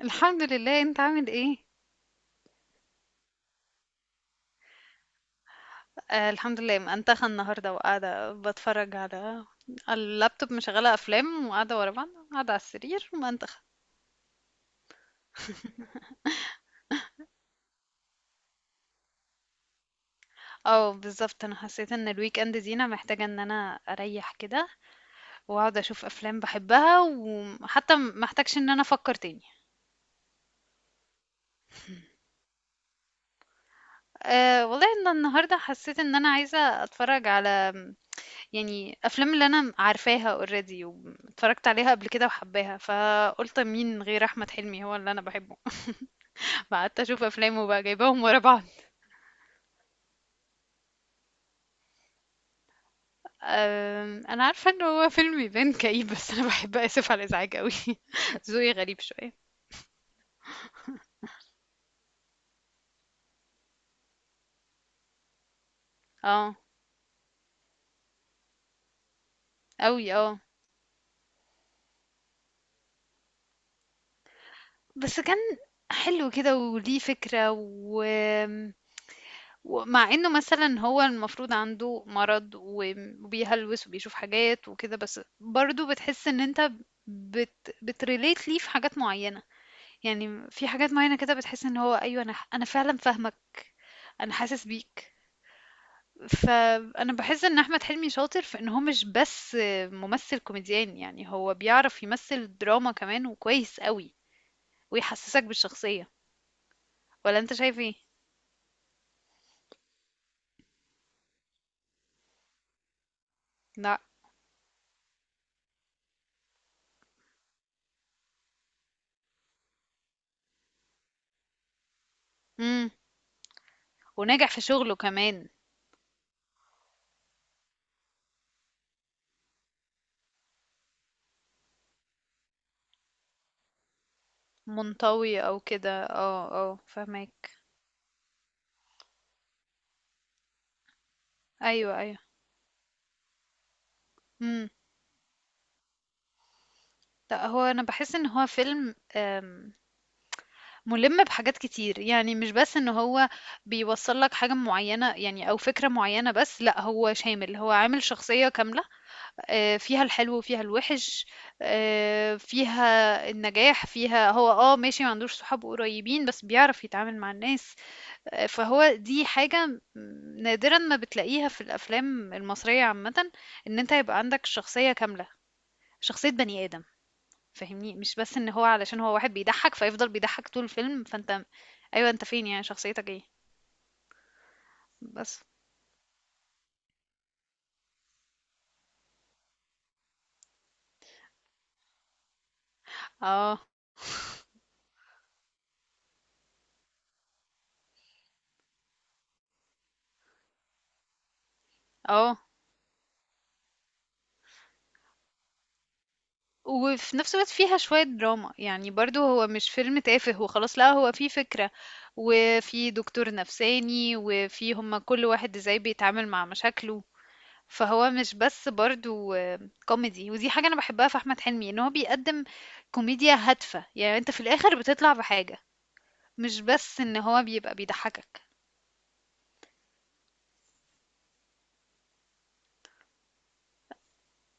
الحمد لله، انت عامل ايه؟ آه، الحمد لله، منتخه النهارده وقاعده بتفرج على اللابتوب، مشغله افلام وقاعده ورا بعض، قاعده على السرير منتخه. اه بالظبط، انا حسيت ان الويك اند دي انا محتاجه ان انا اريح كده واقعد اشوف افلام بحبها، وحتى محتاجش ان انا افكر تاني. أه والله ان النهارده حسيت ان انا عايزه اتفرج على، يعني، افلام اللي انا عارفاها اوريدي واتفرجت عليها قبل كده وحباها، فقلت مين غير احمد حلمي هو اللي انا بحبه، فقعدت اشوف افلامه بقى جايباهم ورا بعض. انا عارفه ان هو فيلم يبان كئيب، بس انا بحب اسف على الازعاج قوي. ذوقي غريب شويه. اه قوي اه. بس كان حلو كده وليه فكره، ومع انه مثلا هو المفروض عنده مرض وبيهلوس وبيشوف حاجات وكده، بس برضو بتحس ان انت بتريليت ليه في حاجات معينه. يعني في حاجات معينه كده بتحس ان هو ايوه، انا فعلا فاهمك، انا حاسس بيك. فأنا باحس إن أحمد حلمي شاطر في إن هو مش بس ممثل كوميديان، يعني هو بيعرف يمثل دراما كمان وكويس أوي، ويحسسك بالشخصية، والّا أنت شايف إيه؟ لأ. إمم، وناجح في شغله كمان. منطوي أو كده، آه، آه، فاهماك. أيوه، أيوه. إمم. لأ، هو أنا باحس إن هو فيلم، مُلِم بحاجات كتير، يعني مش بس إن هو بيوصّل لك حاجة معيّنة يعني أو فكرة معيّنة بس، لأ هو شامل، هو عامل شخصية كاملة، فيها الحلو وفيها الوِحِش، فيها النجاح، فيها هو آه ماشي ما عندوش صحاب قريبين، بس بيعرف يتعامل مع الناس. فهو دي حاجة نادرًا ما بتلاقيها في الأفلام المصرية عامةً، إن أنت يبقى عندك شخصية كاملة، شخصية بني آدم. فاهمني؟ مش بس إن هو علشان هو واحد بيضحّك فيفضل بيضحّك طول الفيلم، فأنت أيوه أنت فين؟ يعني شخصيتك إيه؟ بس. آه. آه. وفي نفس الوقت فيها شوية دراما، يعني برضو هو مش فيلم تافه وخلاص، لا هو فيه فكرة، وفي دكتور نفساني، وفي هما كل واحد ازاي بيتعامل مع مشاكله. فهو مش بس برضو كوميدي. ودي حاجة انا بحبها في احمد حلمي، ان هو بيقدم كوميديا هادفة، يعني انت في الاخر بتطلع بحاجة، مش بس ان هو بيبقى بيضحكك.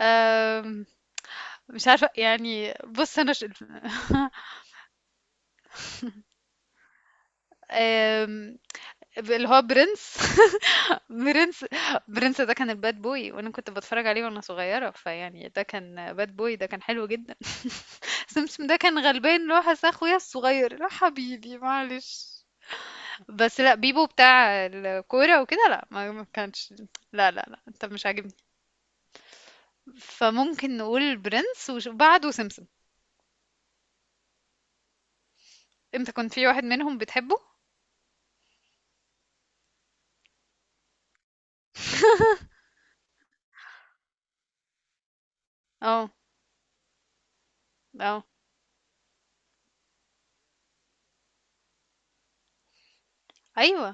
آم، مش عارفة يعني، بص انا آم، اللي هو برنس. برنس. برنس ده كان الباد بوي، وانا كنت بتفرج عليه وانا صغيرة، فيعني ده كان باد بوي، ده كان حلو جدا. سمسم ده كان غلبان، اللي هو حس اخويا الصغير، لا حبيبي معلش. بس لا بيبو بتاع الكورة وكده، لا، ما كانش، لا لا لا انت مش عاجبني. فممكن نقول برنس وبعده سمسم. انت كنت في واحد منهم بتحبه؟ اه. اه. ايوه.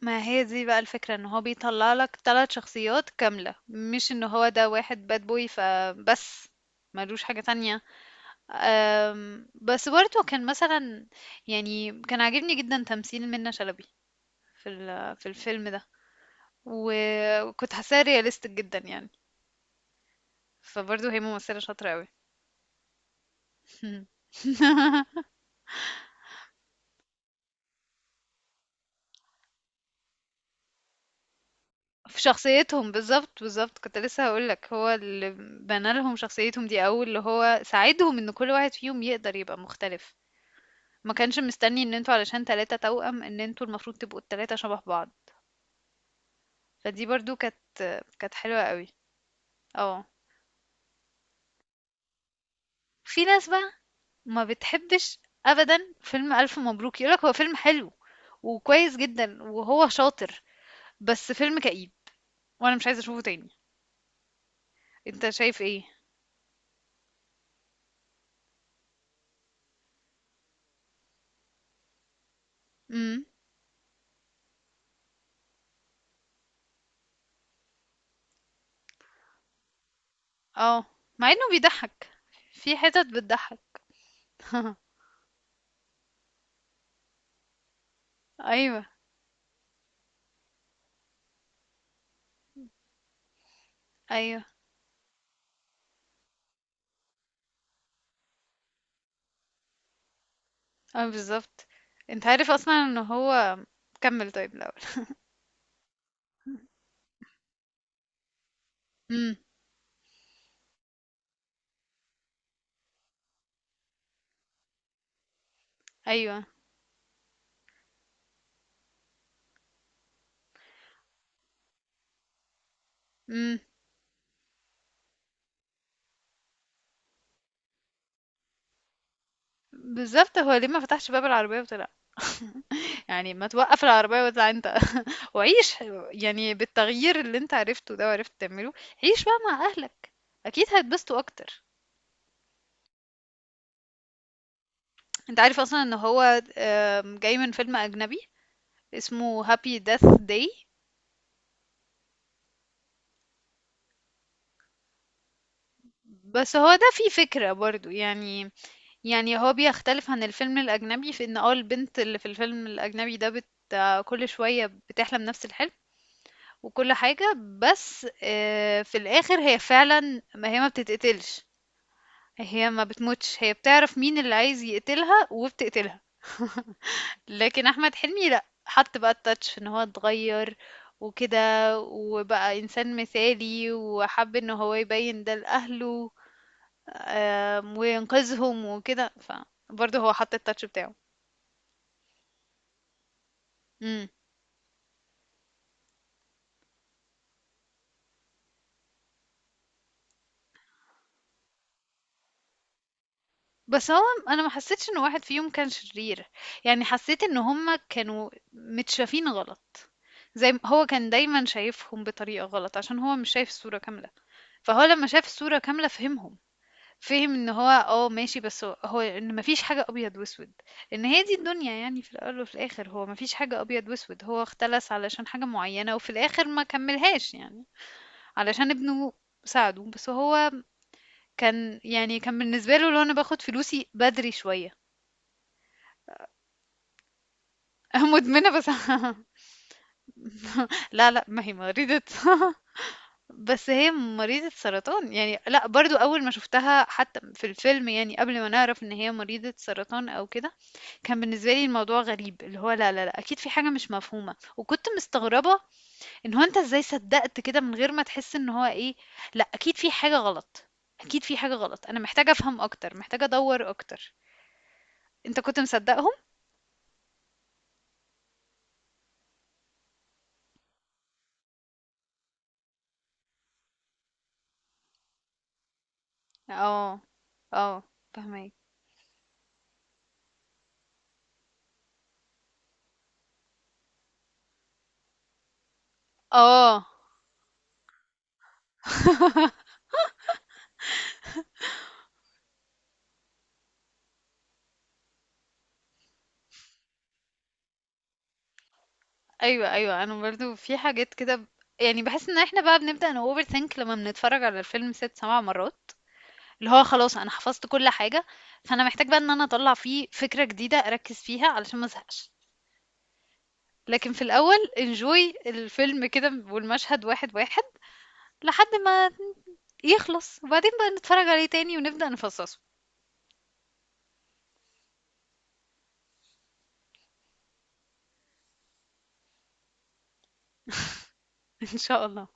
ما هي دي بقى الفكرة، ان هو بيطلع لك ثلاث شخصيات كاملة، مش ان هو ده واحد باد بوي فبس، ملوش حاجة تانية. بس برضه كان مثلا، يعني كان عاجبني جدا تمثيل منة شلبي في في الفيلم ده، وكنت حاساها رياليستيك جدا يعني. فبرضه هي ممثلة شاطرة قوي. في شخصيتهم، بالظبط كنت لسه هقولك، هو اللي بنى لهم شخصيتهم دي، أول اللي هو ساعدهم ان كل واحد فيهم يقدر يبقى مختلف. ما كانش مستني ان انتوا علشان تلاتة توأم ان انتوا المفروض تبقوا التلاتة شبه بعض. فدي برضو كانت، كانت حلوة قوي. اه. في ناس بقى ما بتحبش ابدا فيلم الف مبروك، يقولك هو فيلم حلو وكويس جدا وهو شاطر، بس فيلم كئيب وانا مش عايزة اشوفه تاني. انت شايف ايه؟ امم. اه، مع انه بيضحك، في حتت بتضحك. ايوه. ايوه. اه بالظبط. انت عارف اصلا ان هو، كمل طيب الاول. امم. ايوه. بالضبط، هو ليه ما فتحش باب العربية وطلع؟ يعني ما توقّف العربية واطلع أنت. وعيش، يعني بالتغيير اللي أنت عرفته ده وعرفت تعمله، عيش بقى مع أهلك، أكيد هيتبسطوا أكتر. أنت عارف أصلًا إن هو، جاي من فيلم أجنبي اسمه Happy Death Day. بس هو ده فيه فكرة برضه، يعني، يعني هو بيختلف عن الفيلم الأجنبي في إن، آه، البنت اللي في الفيلم الأجنبي ده كل شوية بتحلم نفس الحلم وكل حاجة، بس في الآخر هي فعلا، ما هي ما بتتقتلش، هي ما بتموتش، هي بتعرف مين اللي عايز يقتلها وبتقتلها. لكن احمد حلمي لا، حط بقى التاتش في ان هو اتغير وكده، وبقى انسان مثالي، وحب ان هو يبين ده لاهله، وينقذهم وكده، فبرضه هو حط التاتش بتاعه. امم. بس هو، انا ما حسيتش ان واحد فيهم كان شرير، يعني حسيت ان هما كانوا متشافين غلط، زي م هو كان دايمًا شايفهم بطريقة غلط، عشان هو مش شايف الصورة كاملة. فهو لمّا شاف الصورة كاملة فهمهم، فهم إن هو ماشي، بس هو إن ما فيش حاجة أبيض وأسود، إن هي دي الدنيا يعني، في الأول وفي الآخر، هو ما فيش حاجة أبيض وأسود، هو اختلس علشان حاجة معينة، وفي الآخر ما كمّلهاش يعني، علشان ابنه ساعده، بس هو كان، يعني كان بالنسبة له اللي هو أنا باخد فلوسي بدري شوية. مدمنة بس. لا، لأ، ما هي مريضة. بس هي مريضة سرطان، يعني لا، برضو اول ما شفتها حتى في الفيلم، يعني قبل ما نعرف ان هي مريضة سرطان او كده، كان بالنسبة لي الموضوع غريب، اللي هو لا لا لا، اكيد في حاجة مش مفهومة، وكنت مستغربة ان هو انت ازاي صدقت كده، من غير ما تحس ان هو ايه، لا اكيد في حاجة غلط، اكيد في حاجة غلط، انا محتاجة افهم اكتر، محتاجة ادور اكتر. انت كنت مصدقهم؟ اه. اه، فهمك. اه. ايوه ايوه، انا برضو في حاجات كده يعني بحس ان احنا بقى بنبدأ overthink لما بنتفرج على الفيلم ست سبع مرات، اللي هو خلاص انا حفظت كل حاجة، فانا محتاج بقى ان انا اطلع فيه فكرة جديدة اركز فيها علشان ما ازهقش. لكن في الاول انجوي الفيلم كده، والمشهد واحد واحد، لحد ما يخلص، وبعدين بقى نتفرج عليه تاني ونبدأ نفصصه. ان شاء الله.